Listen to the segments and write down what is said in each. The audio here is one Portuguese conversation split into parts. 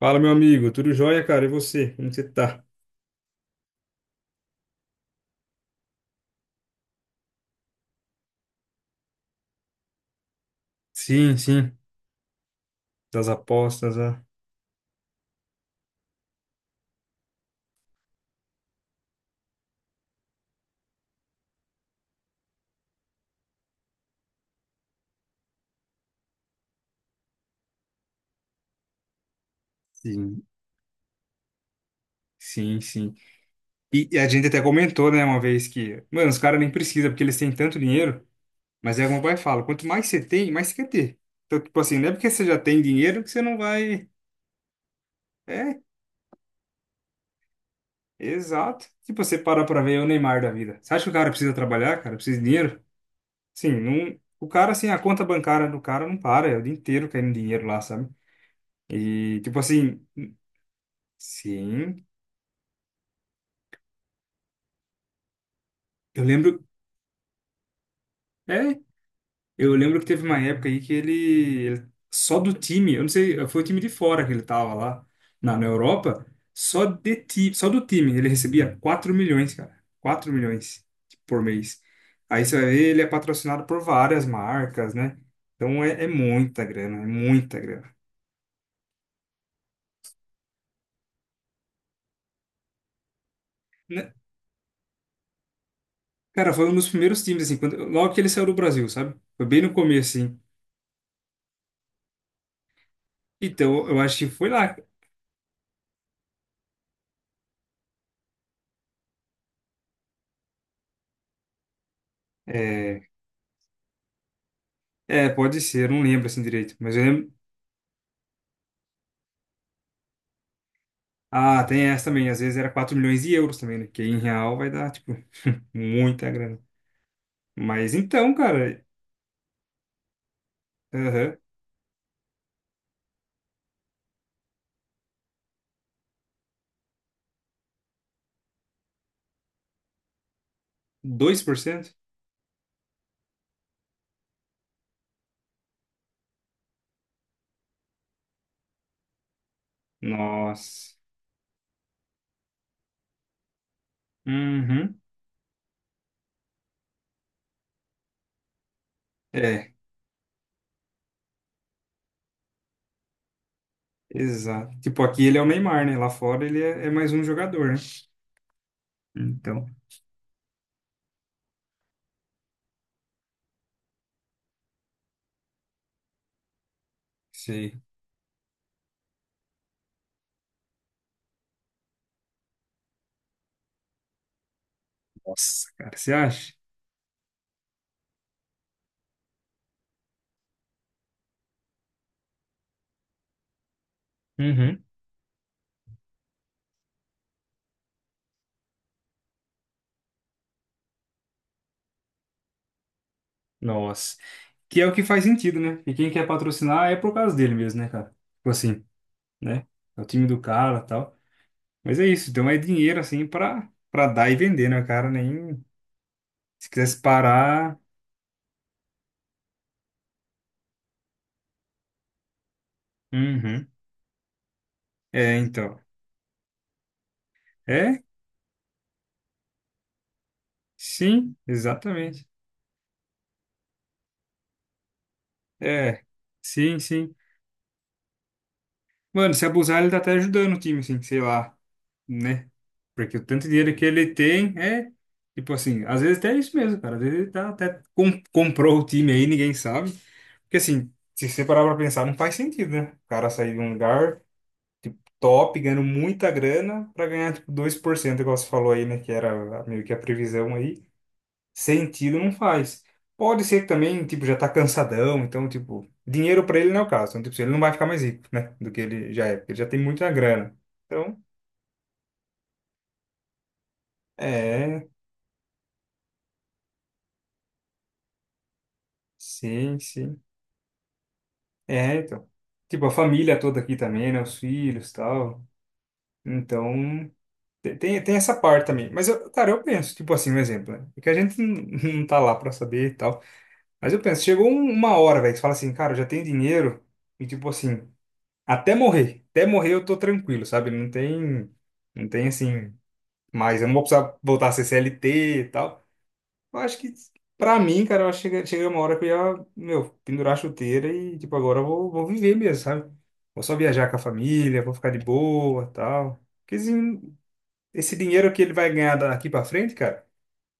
Fala, meu amigo, tudo jóia, cara? E você? Como você tá? Sim, sim. Das apostas, ah. Sim, sim, sim. E, a gente até comentou, né, uma vez que, mano, os caras nem precisam, porque eles têm tanto dinheiro, mas é como o pai fala, quanto mais você tem, mais você quer ter. Então, tipo assim, não é porque você já tem dinheiro que você não vai. É, exato. Tipo, você parar pra ver é o Neymar da vida. Você acha que o cara precisa trabalhar, cara? Precisa de dinheiro? Sim, não. O cara, assim, a conta bancária do cara não para, é o dia inteiro caindo dinheiro lá, sabe? E, tipo assim. Sim, eu lembro, é, eu lembro que teve uma época aí que ele- só do time, eu não sei, foi o time de fora que ele tava lá na Europa, só de ti, só do time ele recebia 4 milhões, cara. 4 milhões por mês. Aí você vai ver, ele é patrocinado por várias marcas, né? Então é muita grana, é muita grana. Né? Cara, foi um dos primeiros times assim, quando, logo que ele saiu do Brasil, sabe? Foi bem no começo, assim. Então, eu acho que foi lá. É, é, pode ser, eu não lembro assim direito, mas eu lembro. Ah, tem essa também. Às vezes era 4 milhões de euros também, né? Que em real vai dar, tipo, muita grana. Mas então, cara, aham, 2%, nossa. Uhum. É, exato. Tipo, aqui ele é o Neymar, né? Lá fora ele é, é mais um jogador, né? Então, sei. Nossa, cara, você acha? Uhum. Nossa. Que é o que faz sentido, né? E quem quer patrocinar é por causa dele mesmo, né, cara? Tipo assim, né? É o time do cara, e tal. Mas é isso, então é dinheiro assim pra para dar e vender, né, cara? Nem se quisesse parar. Uhum. É, então. É? Sim, exatamente. É. Sim, sim. Mano, se abusar, ele tá até ajudando o time, assim, sei lá, né? Porque o tanto de dinheiro que ele tem é. Tipo assim, às vezes até é isso mesmo, cara. Às vezes ele tá até com- comprou o time aí, ninguém sabe. Porque assim, se você parar pra pensar, não faz sentido, né? O cara sair de um lugar. Tipo, top, ganhando muita grana, para ganhar, tipo, 2% igual você falou aí, né? Que era a- meio que a previsão aí. Sentido não faz. Pode ser que também, tipo, já tá cansadão, então, tipo, dinheiro para ele não é o caso. Então, tipo, ele não vai ficar mais rico, né? Do que ele já é, porque ele já tem muita grana. Então, é, sim, sim. É, então. Tipo, a família toda aqui também, né? Os filhos e tal. Então, te- tem essa parte também. Mas, eu, cara, eu penso, tipo assim, um exemplo, né? Porque a gente não não tá lá pra saber e tal. Mas eu penso, chegou um- uma hora, velho, que você fala assim, cara, eu já tenho dinheiro e tipo assim, até morrer, eu tô tranquilo, sabe? Não tem assim, mas eu não vou precisar voltar a ser CLT e tal. Eu acho que, pra mim, cara, eu acho que chega uma hora que eu ia, meu, pendurar a chuteira e tipo, agora eu vou viver mesmo, sabe? Vou só viajar com a família, vou ficar de boa, tal. Porque assim, esse dinheiro que ele vai ganhar daqui pra frente, cara,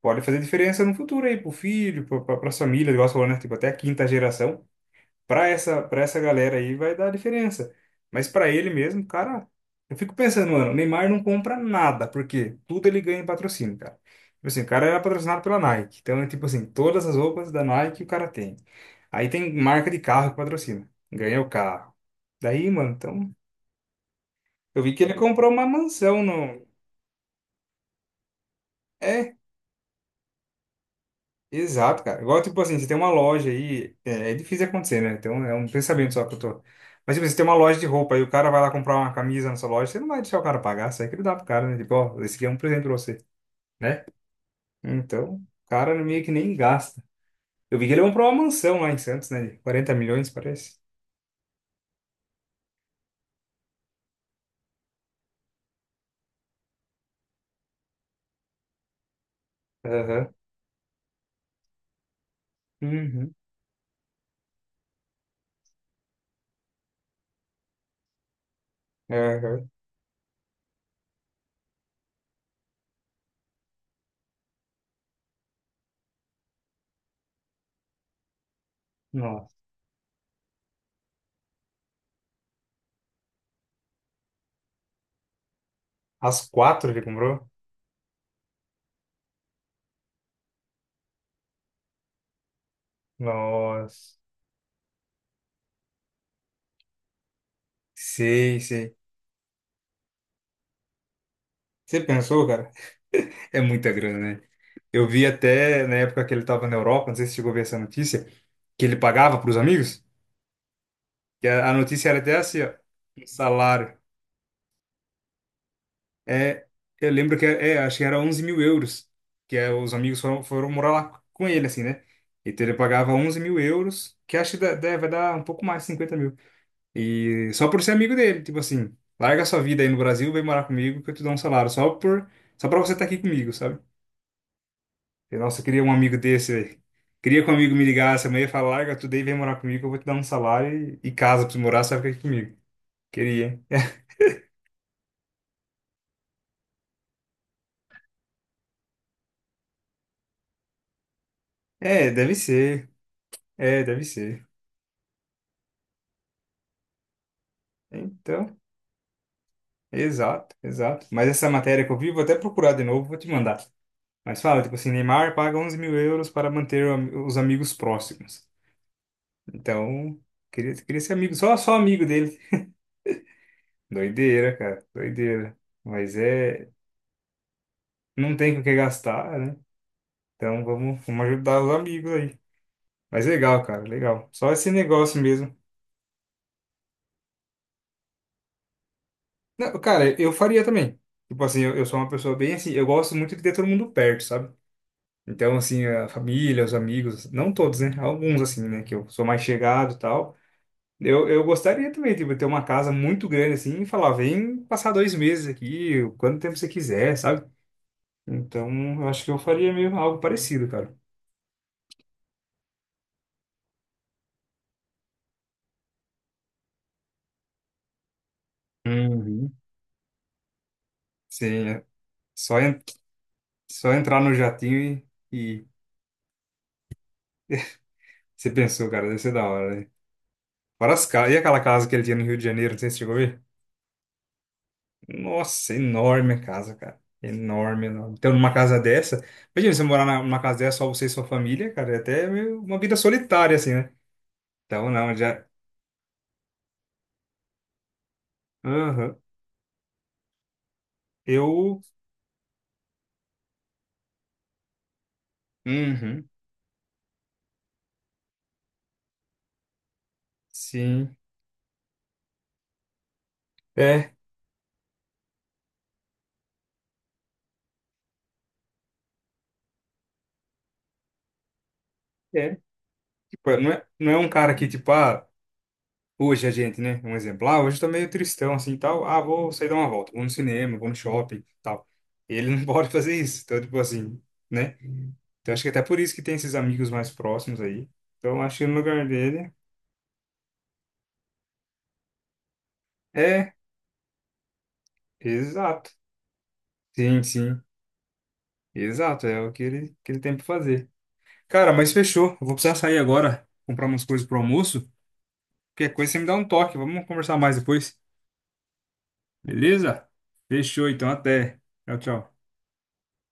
pode fazer diferença no futuro aí, pro filho, pras famílias, igual você falou, né? Tipo, até a quinta geração para essa galera aí vai dar diferença. Mas para ele mesmo, cara, eu fico pensando, mano, o Neymar não compra nada, porque tudo ele ganha em patrocínio, cara. Tipo assim, o cara era patrocinado pela Nike. Então, é tipo assim, todas as roupas da Nike o cara tem. Aí tem marca de carro que patrocina. Ganha o carro. Daí, mano, então, eu vi que ele comprou uma mansão no. É, exato, cara. Igual, tipo assim, você tem uma loja aí, é difícil acontecer, né? Então é um pensamento só que eu tô. Mas, tipo, assim, você tem uma loja de roupa e o cara vai lá comprar uma camisa na sua loja, você não vai deixar o cara pagar, você vai querer dar pro cara, né? Tipo, ó, esse aqui é um presente pra você, né? Então, o cara meio que nem gasta. Eu vi que ele comprou uma mansão lá em Santos, né? De 40 milhões, parece. Aham. Uhum. Aham. Nossa. As quatro ele comprou? Nossa. Sei, sei. Você pensou, cara? É muita grana, né? Eu vi até na época que ele estava na Europa, não sei se chegou a ver essa notícia, que ele pagava para os amigos, que a notícia era até assim, ó, um salário. É, eu lembro que, acho que era 11 mil euros, que é, os amigos foram morar lá com ele, assim, né? Então ele pagava 11 mil euros, que acho que dá- dá- vai dar um pouco mais, 50 mil. E só por ser amigo dele, tipo assim, larga sua vida aí no Brasil, vem morar comigo que eu te dou um salário, só por, só para você estar aqui comigo, sabe? Falei, nossa, eu queria um amigo desse, velho. Queria que um amigo me ligasse amanhã e falasse, larga tudo aí, vem morar comigo, eu vou te dar um salário e casa pra você morar, você vai ficar aqui comigo. Queria, hein? É, deve ser. É, deve ser. Então, exato, exato. Mas essa matéria que eu vi, vou até procurar de novo, vou te mandar. Mas fala, tipo assim, Neymar paga 11 mil euros para manter o am- os amigos próximos. Então, queria ser amigo, só amigo dele. Doideira, cara, doideira. Mas é, não tem com o que gastar, né? Então, vamos ajudar os amigos aí. Mas legal, cara, legal. Só esse negócio mesmo. Não, cara, eu faria também. Tipo assim, eu sou uma pessoa bem assim, eu gosto muito de ter todo mundo perto, sabe? Então, assim, a família, os amigos, não todos, né? Alguns, assim, né? Que eu sou mais chegado e tal. Eu gostaria também, tipo, ter uma casa muito grande, assim, e falar, vem passar dois meses aqui, quanto tempo você quiser, sabe? Então, eu acho que eu faria mesmo algo parecido, cara. Uhum. Sim, é só, en- só entrar no jatinho e você pensou, cara, deve ser da hora, né? Várias casas. E aquela casa que ele tinha no Rio de Janeiro, não sei se você chegou a ver? Nossa, enorme a casa, cara. Enorme, enorme. Então, numa casa dessa, imagina você morar na- numa casa dessa, só você e sua família, cara, é até meio uma vida solitária, assim, né? Então, não, já. Aham. Eu. Uhum. Sim. É, é. Tipo, não é um cara que, tipo, ah, hoje a gente, né? Um exemplo. Ah, hoje eu tô meio tristão, assim, tal. Ah, vou sair dar uma volta, vou no cinema, vou no shopping, tal. Ele não pode fazer isso. Então, tipo assim. Né? Então acho que até por isso que tem esses amigos mais próximos aí. Então acho que no lugar dele. É, exato. Sim, sim. Exato, é o que ele tem pra fazer. Cara, mas fechou. Eu vou precisar sair agora, comprar umas coisas pro almoço. Qualquer coisa você me dá um toque. Vamos conversar mais depois. Beleza? Fechou, então até. Tchau, tchau.